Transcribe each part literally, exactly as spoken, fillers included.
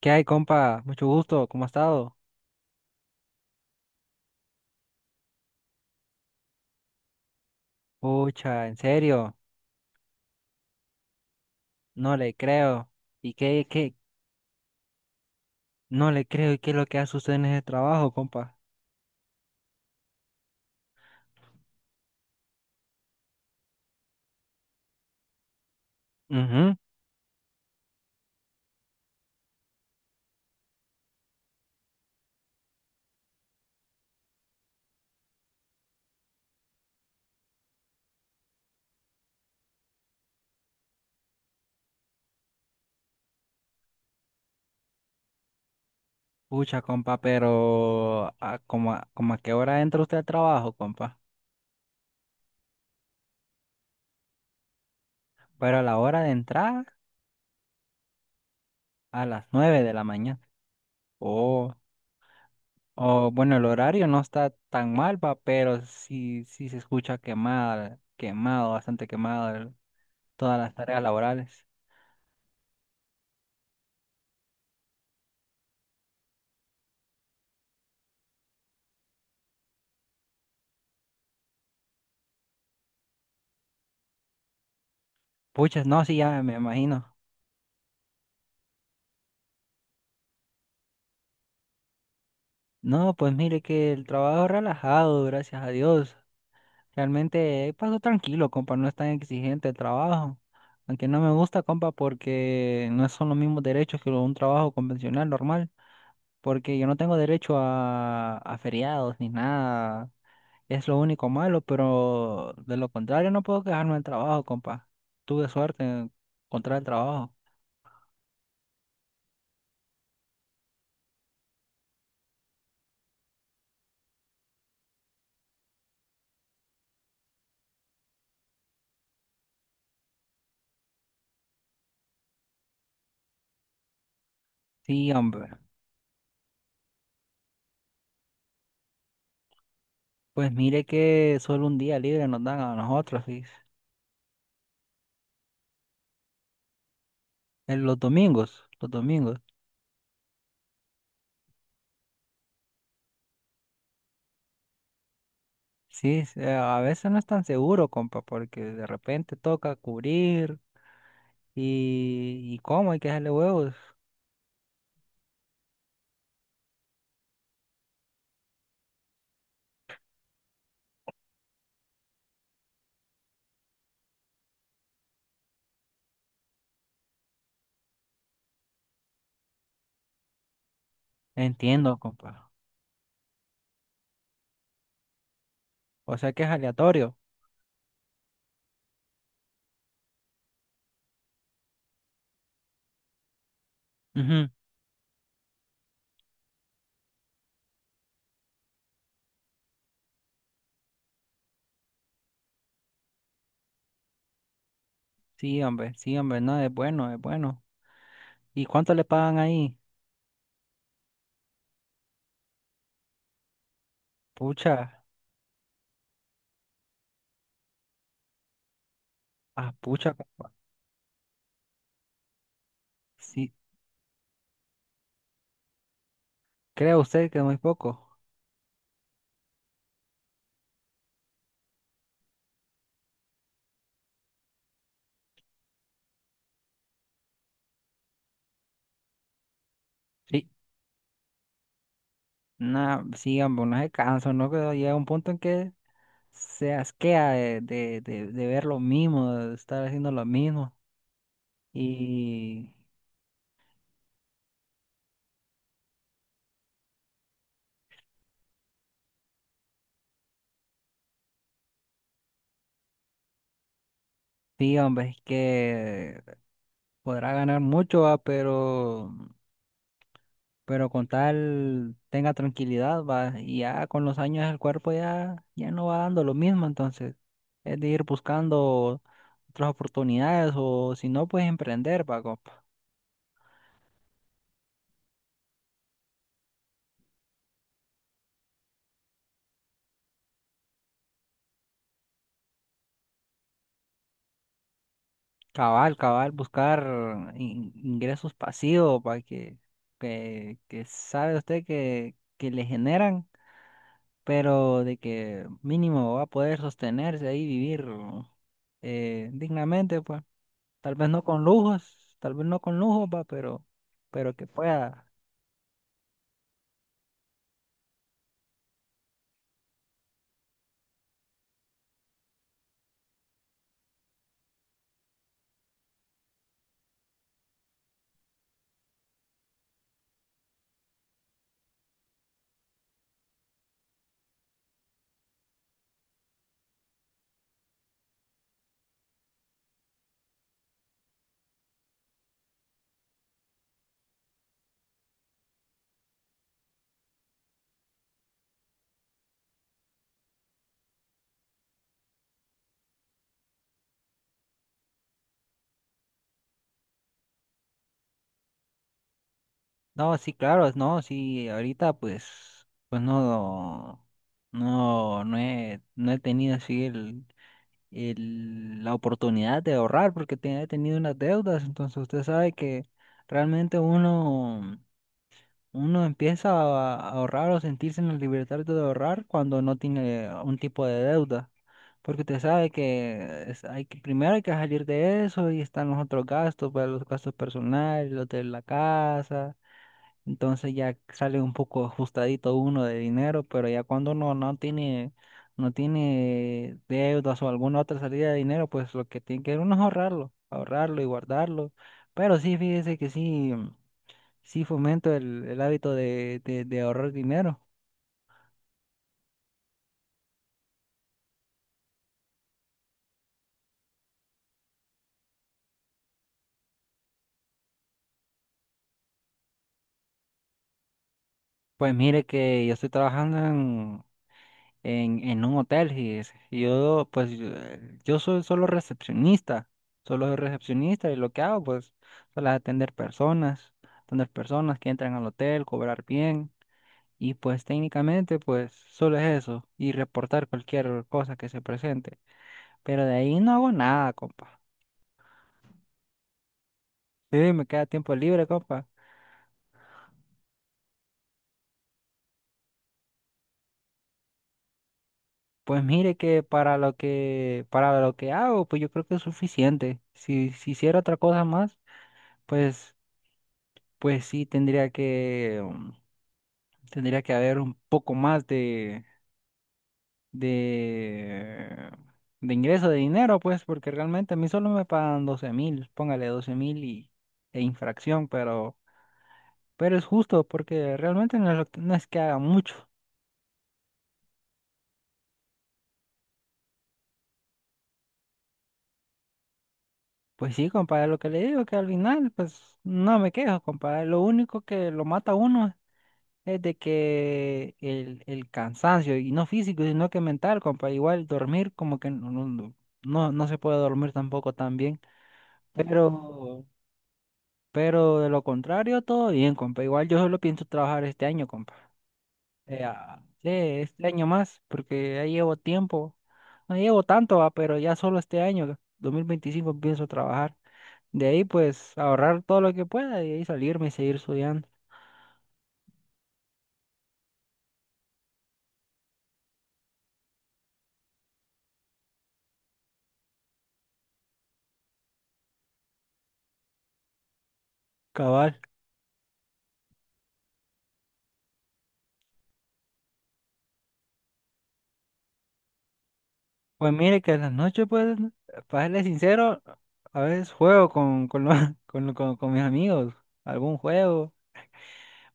¿Qué hay, compa? Mucho gusto, ¿cómo ha estado? Pucha, en serio, no le creo. ¿Y qué, qué? No le creo, ¿y qué es lo que hace usted en ese trabajo, compa? Mhm. Pucha, compa, pero ¿a, como, a, como a qué hora entra usted al trabajo, compa? Pero a la hora de entrar, a las nueve de la mañana. Oh, oh, bueno, el horario no está tan mal, va, pero sí, sí se escucha quemada, quemado, bastante quemado el- todas las tareas laborales. Pucha, no, sí, ya me imagino. No, pues mire que el trabajo es relajado, gracias a Dios. Realmente paso tranquilo, compa, no es tan exigente el trabajo. Aunque no me gusta, compa, porque no son los mismos derechos que un trabajo convencional normal. Porque yo no tengo derecho a, a feriados ni nada. Es lo único malo, pero de lo contrario no puedo quejarme del trabajo, compa. Tuve suerte en encontrar el trabajo. Sí, hombre. Pues mire que solo un día libre nos dan a nosotros, sí. En los domingos, los domingos. Sí, s- eh, a veces no es tan seguro, compa, porque de repente toca cubrir y, y cómo hay que dejarle huevos. Entiendo, compa. O sea que es aleatorio. Ujú. Sí, hombre, sí, hombre, no, es bueno, es bueno. ¿Y cuánto le pagan ahí? Pucha, ah, pucha, compa. Sí, ¿cree usted que es muy poco? Sí, nada, sí, hombre, no se cansa, ¿no? Que llega un punto en que se asquea de, de, de de ver lo mismo, de estar haciendo lo mismo. Y. Sí, hombre, es que podrá ganar mucho, va, pero, pero, con tal tenga tranquilidad, va, y ya con los años el cuerpo ya, ya no va dando lo mismo, entonces es de ir buscando otras oportunidades o si no, pues emprender, va, co- cabal, cabal, buscar in- ingresos pasivos, para que, que, que, sabe usted que, que le generan, pero de que mínimo va a poder sostenerse ahí, vivir eh, dignamente, pues. Tal vez no con lujos, tal vez no con lujos, va, pero, pero, que pueda. No, sí, claro, no, sí, ahorita pues, pues no, no, no he, no he tenido así el, el- la oportunidad de ahorrar porque te- he tenido unas deudas, entonces usted sabe que realmente uno Uno empieza a a ahorrar o sentirse en la libertad de ahorrar cuando no tiene un tipo de deuda, porque usted sabe que es- hay que, primero hay que salir de eso y están los otros gastos, pues, los gastos personales, los de la casa, entonces ya sale un poco ajustadito uno de dinero, pero ya cuando uno no tiene, no tiene deudas o alguna otra salida de dinero, pues lo que tiene que uno es ahorrarlo, ahorrarlo y guardarlo, pero sí, fíjese que sí. Sí, fomento el, el hábito de, de- de ahorrar dinero. Pues mire que yo estoy trabajando en, en, en un hotel, fíjese. Y yo pues yo eh, yo soy solo recepcionista, solo soy recepcionista y lo que hago, pues, solo es atender personas, atender personas que entran al hotel, cobrar bien y pues técnicamente pues solo es eso y reportar cualquier cosa que se presente. Pero de ahí no hago nada, compa. Sí, me queda tiempo libre, compa. Pues mire que para lo que para lo que hago, pues yo creo que es suficiente. Si, si hiciera otra cosa más, pues, pues sí tendría que um, tendría que haber un poco más de de de ingreso de dinero, pues, porque realmente a mí solo me pagan doce mil, póngale doce mil y e infracción, pero pero es justo porque realmente no es, lo que- no es que haga mucho. Pues sí, compadre, lo que le digo que al final, pues no me quejo, compadre. Lo único que lo mata a uno es de que el, el cansancio, y no físico, sino que mental, compa, igual dormir como que no, no, no, no- no se puede dormir tampoco tan bien, pero, pero de lo contrario, todo bien, compa, igual yo solo pienso trabajar este año, compa. Eh, ah, sí, este año más, porque ya llevo tiempo, no llevo tanto, va, pero ya solo este año, dos mil veinticinco, pienso trabajar, de ahí pues ahorrar todo lo que pueda y de ahí salirme y seguir estudiando, cabal. Pues mire que en las noches, pues, para serle sincero, a veces juego con, con, los- con, con- con mis amigos, algún juego,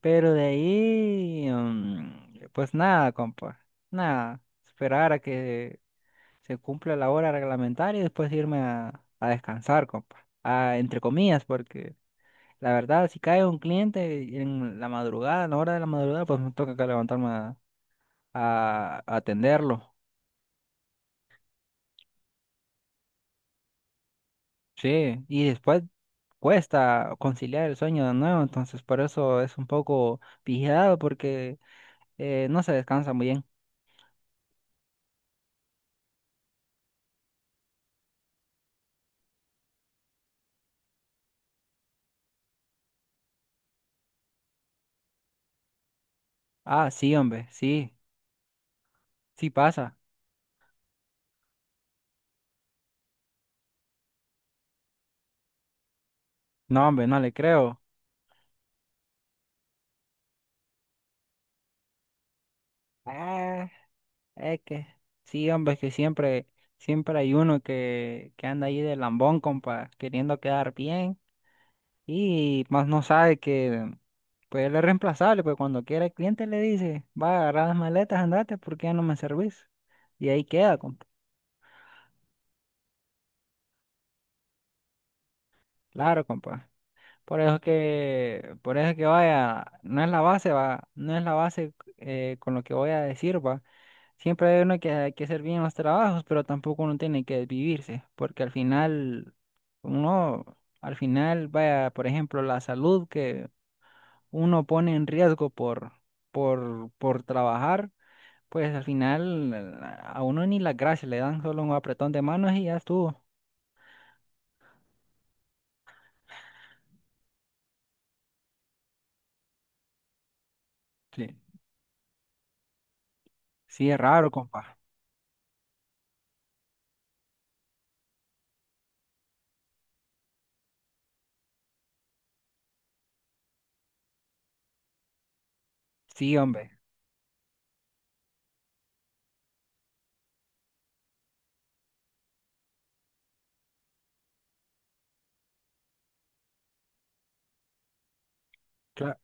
pero de ahí, mm, pues nada, compa, nada, esperar a que se cumpla la hora reglamentaria y después irme a, a descansar, compa, a, entre comillas, porque la verdad, si cae un cliente en la madrugada, a la hora de la madrugada, pues me toca que levantarme a a- a atenderlo. Sí, y después cuesta conciliar el sueño de nuevo, entonces por eso es un poco vigilado porque eh, no se descansa muy bien. Ah, sí, hombre, sí, sí pasa. No, hombre, no le creo. Ah, es que sí, hombre, es que siempre, siempre hay uno que, que anda ahí de lambón, compa, queriendo quedar bien y más no sabe que pues él es reemplazable, pues cuando quiera el cliente le dice, va a agarrar las maletas, andate porque ya no me servís. Y ahí queda, compa. Claro, compa. Por eso que, por eso que vaya, no es la base, va, no es la base eh, con lo que voy a decir, va. Siempre hay uno que hay que hacer bien los trabajos, pero tampoco uno tiene que desvivirse, porque al final, uno, al final, vaya, por ejemplo, la salud que uno pone en riesgo por, por, por trabajar, pues al final a uno ni las gracias le dan, solo un apretón de manos y ya estuvo. Sí. Sí, es raro, compa. Sí, hombre. Cla-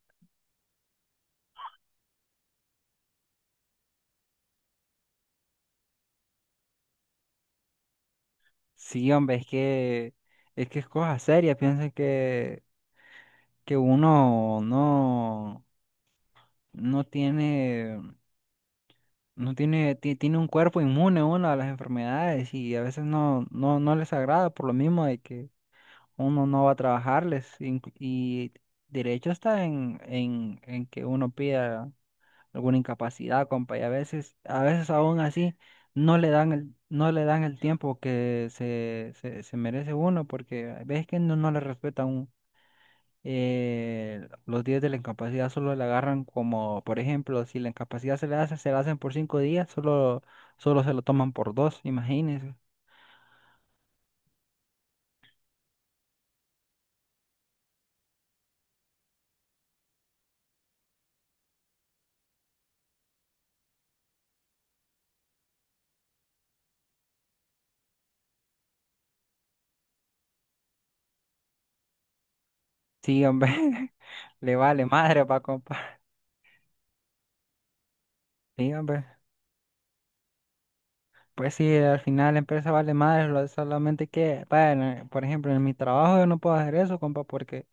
Sí, hombre, es que es que es cosa seria. Piensa que, que uno no, no tiene, no tiene, ti- tiene un cuerpo inmune uno a las enfermedades y a veces no, no, no les agrada por lo mismo de que uno no va a trabajarles. inclu- Y derecho está en, en, en que uno pida alguna incapacidad, compa, y a veces, a veces aún así no le dan el, no le dan el tiempo que se, se, se merece uno, porque ves que no, no le respetan un- eh, los días de la incapacidad, solo le agarran como, por ejemplo, si la incapacidad se le hace, se la hacen por cinco días, solo, solo se lo toman por dos, imagínense. Sí, hombre, le vale madre pa' compa. Sí, hombre. Pues sí, al final la empresa vale madre, lo- solamente que, bueno, por ejemplo, en mi trabajo yo no puedo hacer eso, compa, porque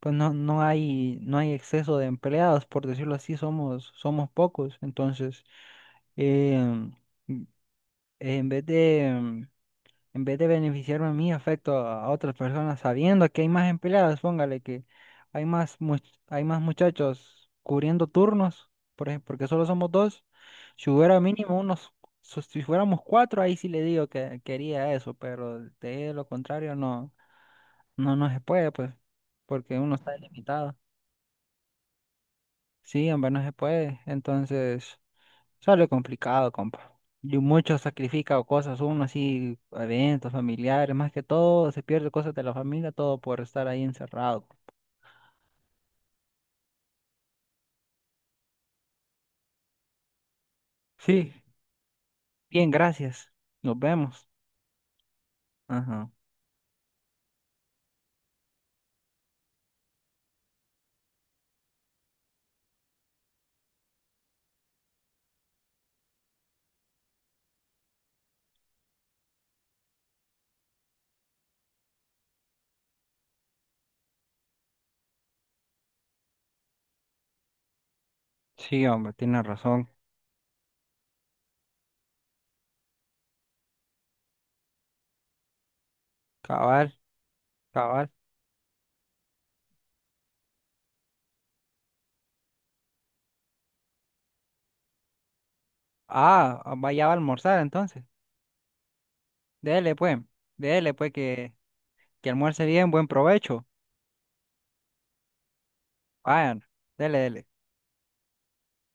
pues no, no hay, no hay exceso de empleados, por decirlo así, somos, somos pocos. Entonces, em, m- en vez de, em, en vez de beneficiarme a mí, afecto a otras personas sabiendo que hay más empleados, póngale que hay más, much- hay más muchachos cubriendo turnos, por ejemplo, porque solo somos dos. Si hubiera mínimo unos, so- Si fuéramos cuatro, ahí sí le digo que quería eso, pero de lo contrario no, no, no se puede, pues, porque uno está limitado. Sí, hombre, no se puede. Entonces, sale complicado, compa. Y mucho sacrifica o cosas, uno así, eventos familiares, más que todo, se pierde cosas de la familia, todo por estar ahí encerrado. Sí, bien, gracias. Nos vemos. Ajá. Sí, hombre, tiene razón. Cabal, cabal. Ah, ah, vaya a almorzar entonces. Dele, pues. Dele, pues, que, que almuerce bien, buen provecho. Vayan, dele, dele.